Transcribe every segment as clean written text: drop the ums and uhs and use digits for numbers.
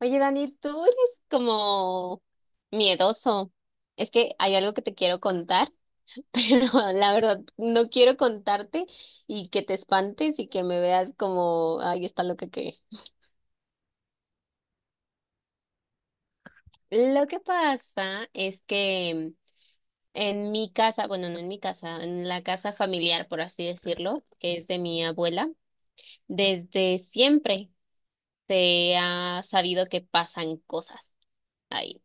Oye, Dani, tú eres como miedoso. Es que hay algo que te quiero contar, pero la verdad no quiero contarte y que te espantes y que me veas como, ay, está loca que... Lo que pasa es que en mi casa, bueno, no en mi casa, en la casa familiar, por así decirlo, que es de mi abuela, desde siempre se ha sabido que pasan cosas ahí.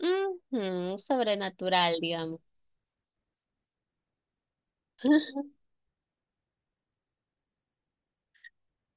Ujú, sobrenatural, digamos.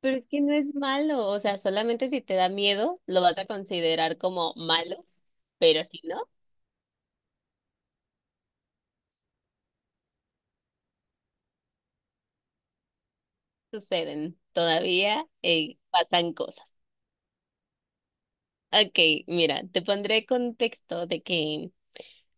Pero es que no es malo, o sea, solamente si te da miedo lo vas a considerar como malo, pero si no, suceden. Todavía pasan cosas. Ok, mira, te pondré contexto de que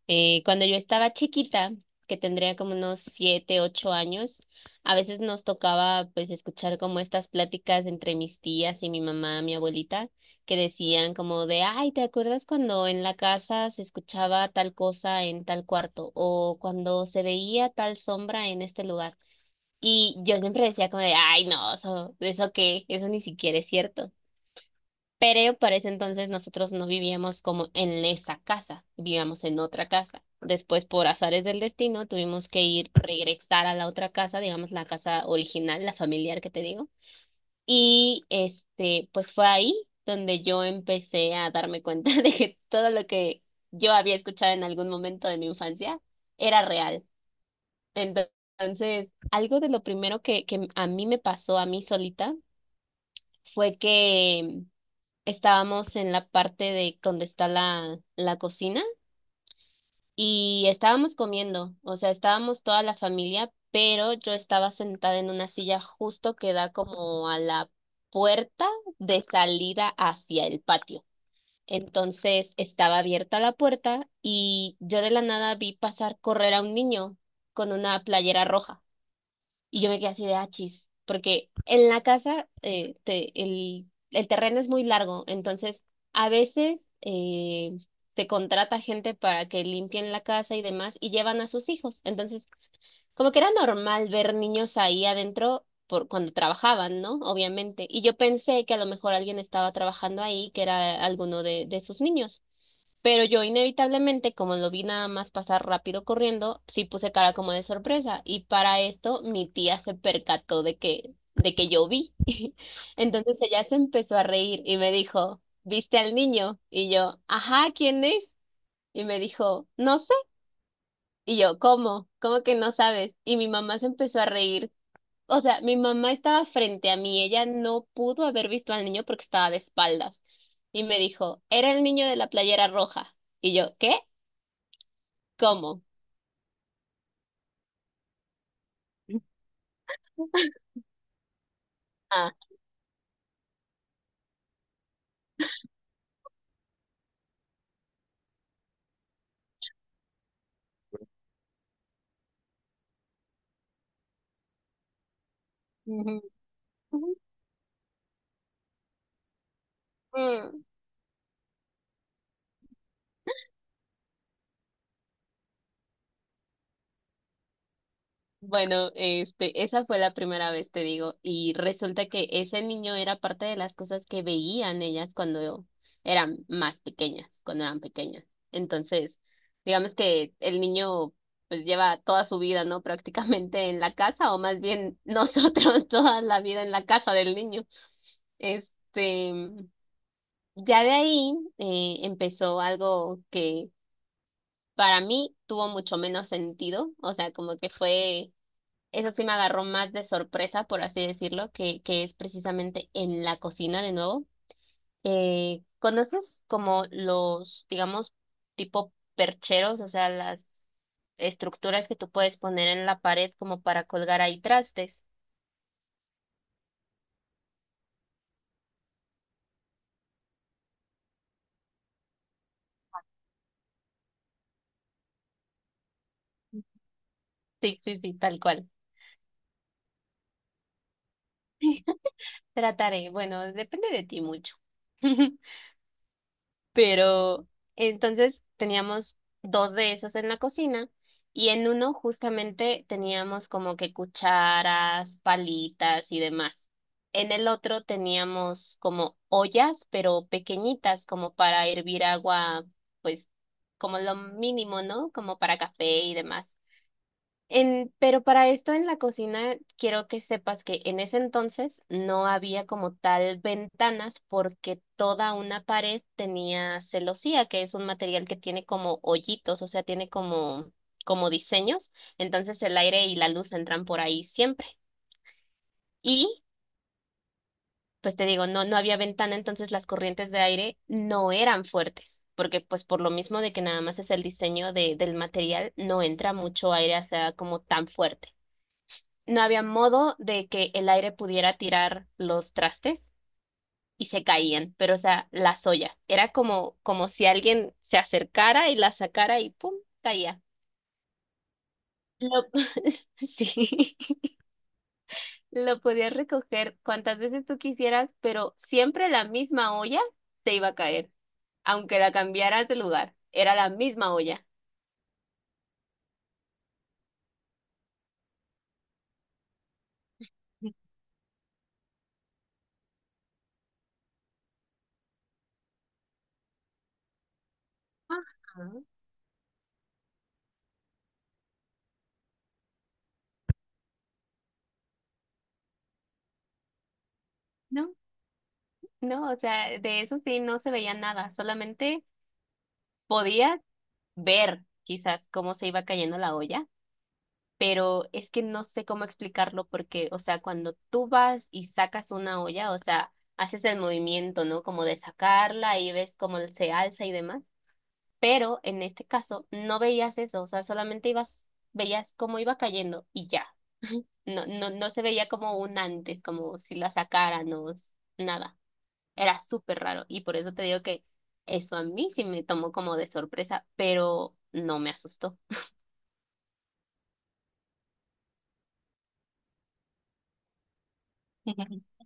cuando yo estaba chiquita, que tendría como unos 7, 8 años. A veces nos tocaba pues escuchar como estas pláticas entre mis tías y mi mamá, mi abuelita, que decían como de, ay, ¿te acuerdas cuando en la casa se escuchaba tal cosa en tal cuarto o cuando se veía tal sombra en este lugar? Y yo siempre decía como de, ay, no, eso qué, eso ni siquiera es cierto. Pero para ese entonces nosotros no vivíamos como en esa casa, vivíamos en otra casa. Después, por azares del destino, tuvimos que ir, regresar a la otra casa, digamos la casa original, la familiar que te digo. Y este, pues fue ahí donde yo empecé a darme cuenta de que todo lo que yo había escuchado en algún momento de mi infancia era real. Entonces, algo de lo primero que a mí me pasó a mí solita fue que estábamos en la parte de donde está la cocina y estábamos comiendo, o sea, estábamos toda la familia, pero yo estaba sentada en una silla justo que da como a la puerta de salida hacia el patio. Entonces estaba abierta la puerta y yo de la nada vi pasar correr a un niño con una playera roja. Y yo me quedé así de achis, porque en la casa el terreno es muy largo, entonces a veces se contrata gente para que limpien la casa y demás y llevan a sus hijos. Entonces, como que era normal ver niños ahí adentro por cuando trabajaban, ¿no? Obviamente. Y yo pensé que a lo mejor alguien estaba trabajando ahí, que era alguno de sus niños. Pero yo inevitablemente, como lo vi nada más pasar rápido corriendo, sí puse cara como de sorpresa. Y para esto mi tía se percató de de que yo vi. Entonces ella se empezó a reír y me dijo, ¿viste al niño? Y yo, ajá, ¿quién es? Y me dijo, no sé. Y yo, ¿cómo? ¿Cómo que no sabes? Y mi mamá se empezó a reír. O sea, mi mamá estaba frente a mí, ella no pudo haber visto al niño porque estaba de espaldas. Y me dijo, era el niño de la playera roja. Y yo, ¿qué? ¿Cómo? Ah, ujú, ujú, mm. Bueno, este, esa fue la primera vez, te digo, y resulta que ese niño era parte de las cosas que veían ellas cuando eran más pequeñas, cuando eran pequeñas. Entonces, digamos que el niño pues lleva toda su vida, ¿no? Prácticamente en la casa, o más bien nosotros toda la vida en la casa del niño. Este, ya de ahí empezó algo que para mí tuvo mucho menos sentido, o sea, como que fue, eso sí me agarró más de sorpresa, por así decirlo, que es precisamente en la cocina de nuevo. ¿Conoces como los, digamos, tipo percheros, o sea, las estructuras que tú puedes poner en la pared como para colgar ahí trastes? Sí, sí, sí, tal cual. Trataré, bueno, depende de ti mucho. Pero entonces teníamos dos de esos en la cocina y en uno justamente teníamos como que cucharas, palitas y demás. En el otro teníamos como ollas, pero pequeñitas, como para hervir agua, pues como lo mínimo, ¿no? Como para café y demás. En, pero para esto en la cocina quiero que sepas que en ese entonces no había como tal ventanas porque toda una pared tenía celosía, que es un material que tiene como hoyitos, o sea, tiene como, como diseños, entonces el aire y la luz entran por ahí siempre. Y pues te digo, no, no había ventana, entonces las corrientes de aire no eran fuertes, porque pues por lo mismo de que nada más es el diseño del material, no entra mucho aire, o sea, como tan fuerte. No había modo de que el aire pudiera tirar los trastes y se caían, pero o sea, las ollas. Era como, como si alguien se acercara y la sacara y ¡pum! Caía. Lo, sí, lo podías recoger cuantas veces tú quisieras, pero siempre la misma olla te iba a caer, aunque la cambiaras de lugar. Era la misma olla. Ajá. No, no, o sea, de eso sí no se veía nada, solamente podías ver quizás cómo se iba cayendo la olla, pero es que no sé cómo explicarlo porque, o sea, cuando tú vas y sacas una olla, o sea, haces el movimiento, ¿no? Como de sacarla y ves cómo se alza y demás, pero en este caso no veías eso, o sea, solamente ibas, veías cómo iba cayendo y ya. No, no, no se veía como un antes, como si la sacaran o nada. Era súper raro y por eso te digo que eso a mí sí me tomó como de sorpresa, pero no me asustó.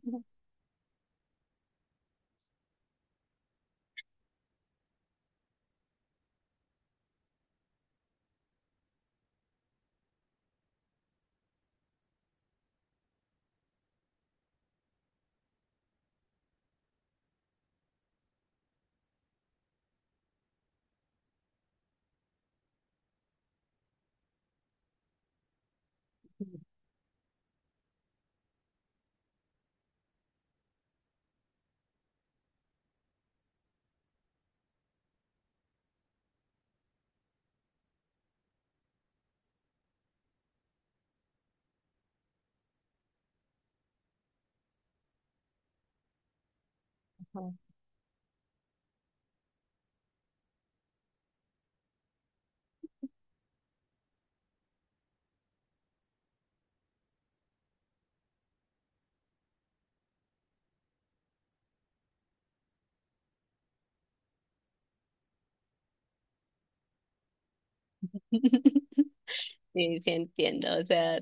Sí, sí entiendo, o sea,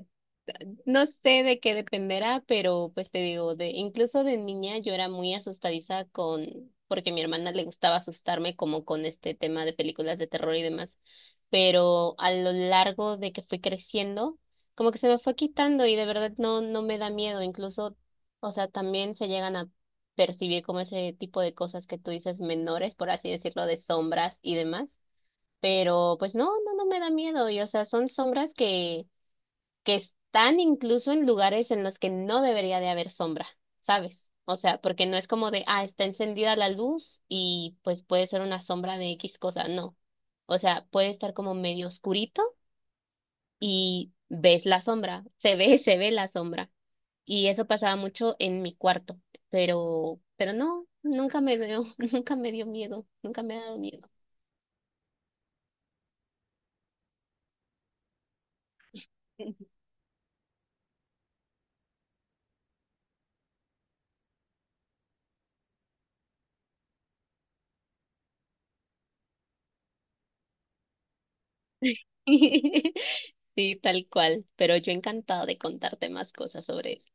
no sé de qué dependerá, pero pues te digo, de incluso de niña yo era muy asustadiza con, porque a mi hermana le gustaba asustarme como con este tema de películas de terror y demás, pero a lo largo de que fui creciendo, como que se me fue quitando y de verdad no, no me da miedo, incluso, o sea, también se llegan a percibir como ese tipo de cosas que tú dices menores, por así decirlo, de sombras y demás, pero pues no, no, no me da miedo y o sea, son sombras que están incluso en lugares en los que no debería de haber sombra, ¿sabes? O sea, porque no es como de, ah, está encendida la luz y pues puede ser una sombra de X cosa, no. O sea, puede estar como medio oscurito y ves la sombra, se ve, se ve la sombra. Y eso pasaba mucho en mi cuarto, pero no, nunca me dio, nunca me dio miedo, nunca me ha dado miedo. Sí, tal cual, pero yo encantada de contarte más cosas sobre eso.